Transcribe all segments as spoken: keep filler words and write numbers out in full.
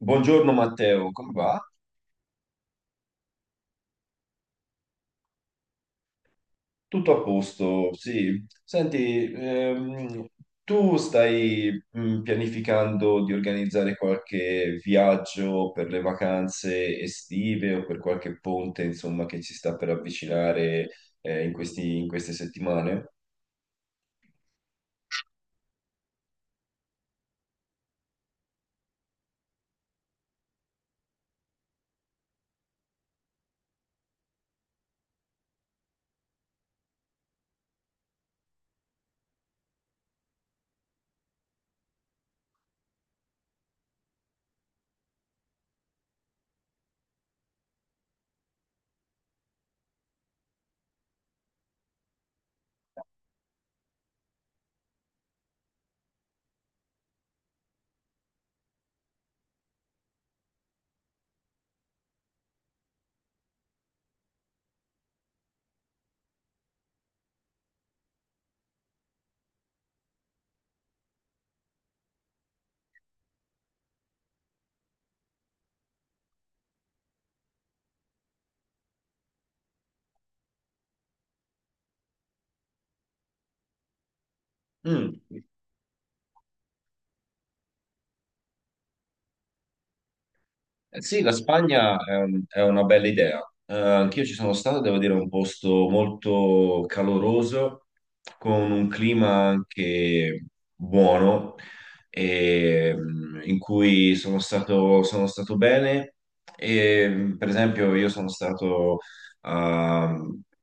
Buongiorno Matteo, come va? Tutto a posto, sì. Senti, ehm, tu stai mm, pianificando di organizzare qualche viaggio per le vacanze estive o per qualche ponte, insomma, che ci sta per avvicinare eh, in questi- in queste settimane? Mm. Eh sì, la Spagna è, un- è una bella idea. Eh, anch'io ci sono stato, devo dire, è un posto molto caloroso, con un clima anche buono, e, mm, in cui sono stato, sono stato bene. E, mm, per esempio, io sono stato ah,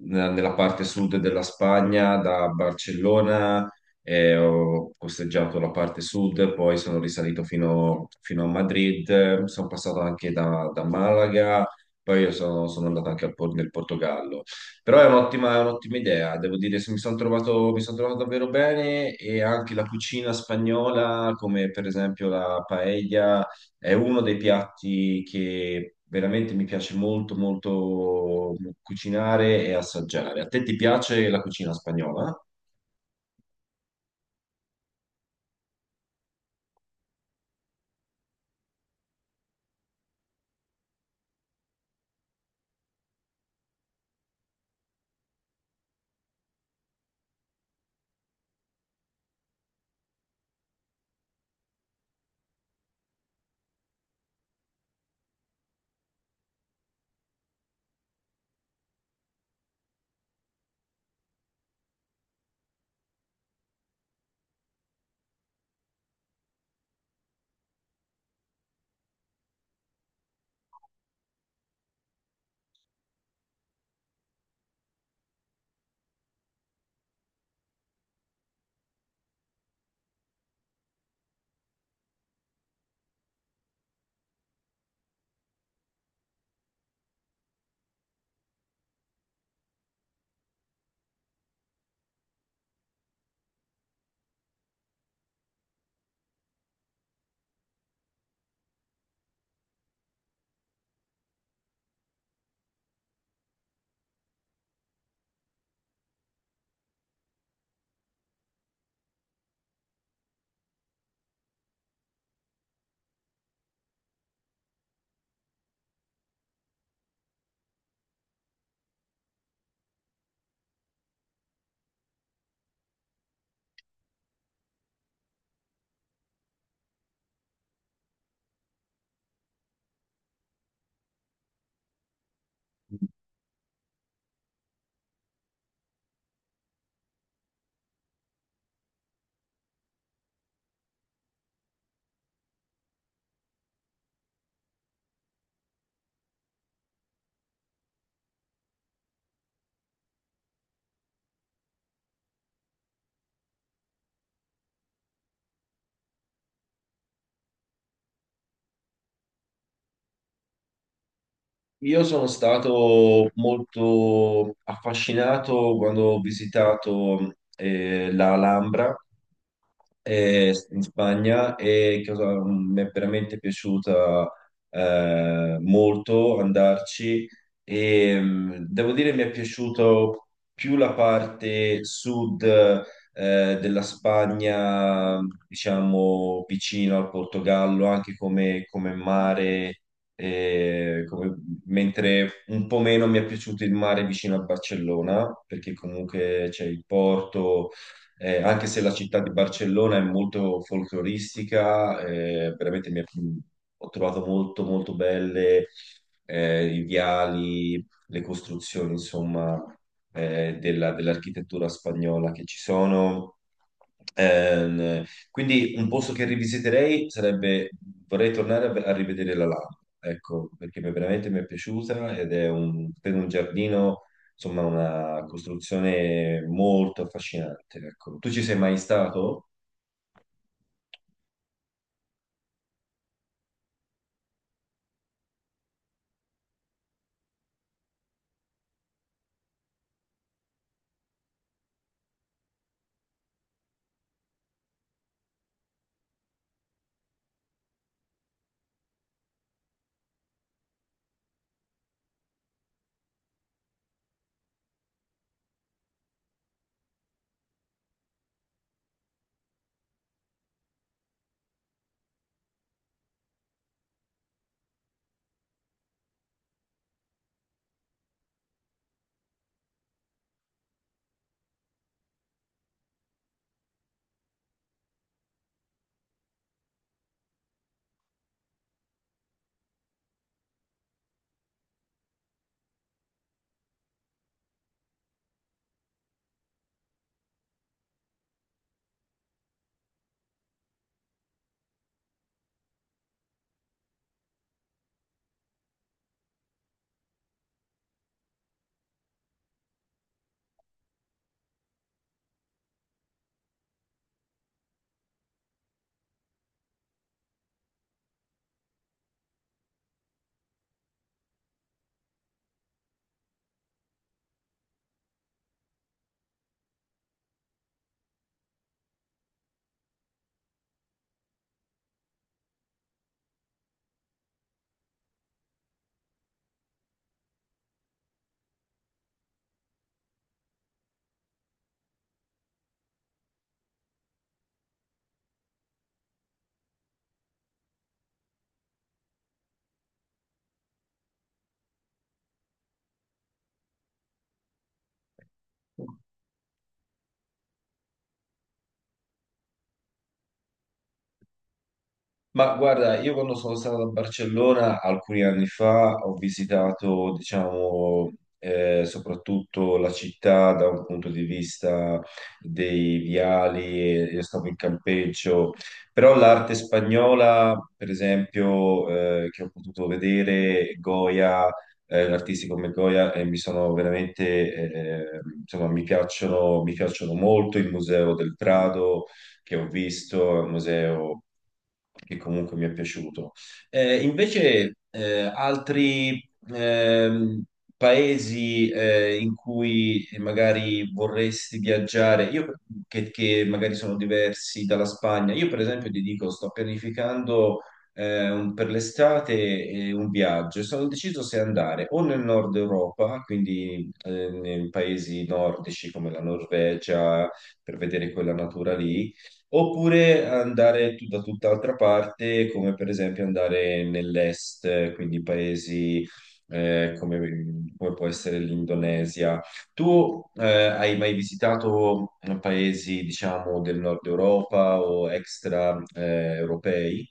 nella nella parte sud della Spagna, da Barcellona e ho costeggiato la parte sud, poi sono risalito fino, fino a Madrid, sono passato anche da, da Malaga, poi io sono, sono andato anche al Por- nel Portogallo. Però è un'ottima, è un'ottima idea, devo dire, se mi sono trovato, mi sono trovato davvero bene, e anche la cucina spagnola, come per esempio la paella, è uno dei piatti che veramente mi piace molto, molto cucinare e assaggiare. A te ti piace la cucina spagnola? Io sono stato molto affascinato quando ho visitato eh, la Alhambra eh, in Spagna, e cosa- mi è veramente piaciuta eh, molto andarci, e mh, devo dire mi è piaciuto più la parte sud eh, della Spagna, diciamo vicino al Portogallo, anche come, come mare e come- mentre un po' meno mi è piaciuto il mare vicino a Barcellona, perché comunque c'è il porto, eh, anche se la città di Barcellona è molto folcloristica, eh, veramente mi è- ho trovato molto molto belle eh, i viali, le costruzioni, insomma, eh, della- dell'architettura spagnola che ci sono. Ehm, quindi un posto che rivisiterei sarebbe, vorrei tornare a, a rivedere la Lama, ecco, perché mi- veramente mi è piaciuta ed è un, per un giardino, insomma, una costruzione molto affascinante, ecco. Tu ci sei mai stato? Ma guarda, io quando sono stato a Barcellona alcuni anni fa ho visitato, diciamo, eh, soprattutto la città da un punto di vista dei viali, e- io stavo in campeggio, però l'arte spagnola, per esempio, eh, che ho potuto vedere, Goya, eh, artisti come Goya, eh, mi sono veramente, eh, insomma, mi piacciono, mi piacciono molto il Museo del Prado che ho visto, è un museo che comunque mi è piaciuto. Eh, invece, eh, altri ehm, paesi eh, in cui magari vorresti viaggiare, io, che, che magari sono diversi dalla Spagna, io per esempio ti dico, sto pianificando eh, un- per l'estate eh, un viaggio, e sono deciso se andare o nel nord Europa, quindi eh, nei paesi nordici come la Norvegia, per vedere quella natura lì, oppure andare tu- da tutt'altra parte, come per esempio andare nell'est, eh, quindi paesi eh, come, come può essere l'Indonesia. Tu eh, hai mai visitato eh, paesi, diciamo, del nord Europa o extra eh, europei?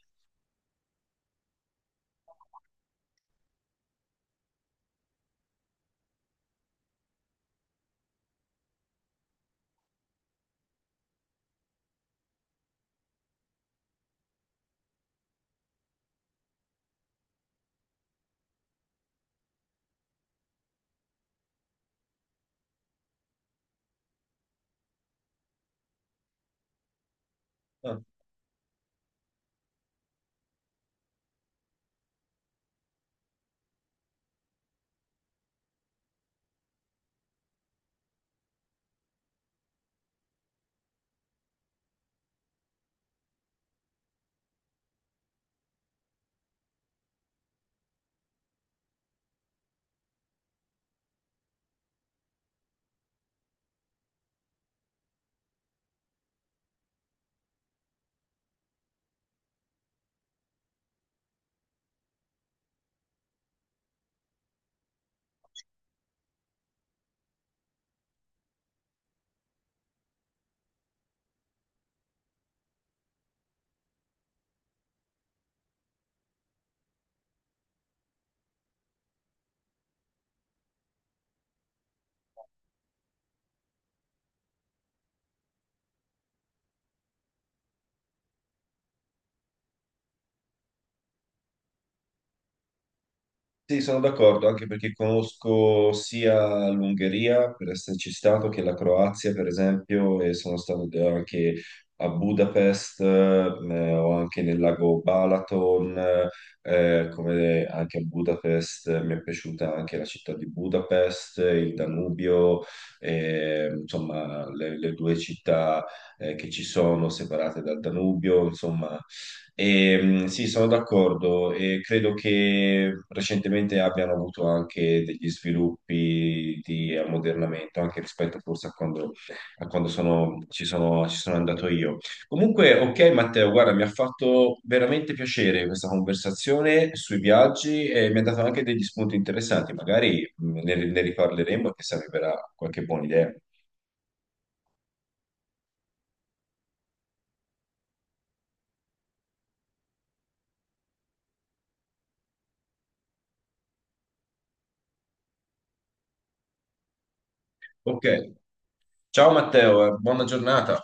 Sì, sono d'accordo, anche perché conosco sia l'Ungheria, per esserci stato, che la Croazia, per esempio, e sono stato anche a Budapest, eh, o anche nel lago Balaton, eh, come anche a Budapest, eh, mi è piaciuta anche la città di Budapest, il Danubio, eh, insomma, le, le due città, eh, che ci sono separate dal Danubio, insomma. E, mh, sì, sono d'accordo e credo che recentemente abbiano avuto anche degli sviluppi di ammodernamento, anche rispetto forse a quando, a quando sono- ci sono, ci sono andato io. Comunque, ok Matteo, guarda, mi ha fatto veramente piacere questa conversazione sui viaggi e mi ha dato anche degli spunti interessanti, magari mh, ne, ne riparleremo e chissà mi verrà qualche buona idea. Ok, ciao Matteo, eh, buona giornata.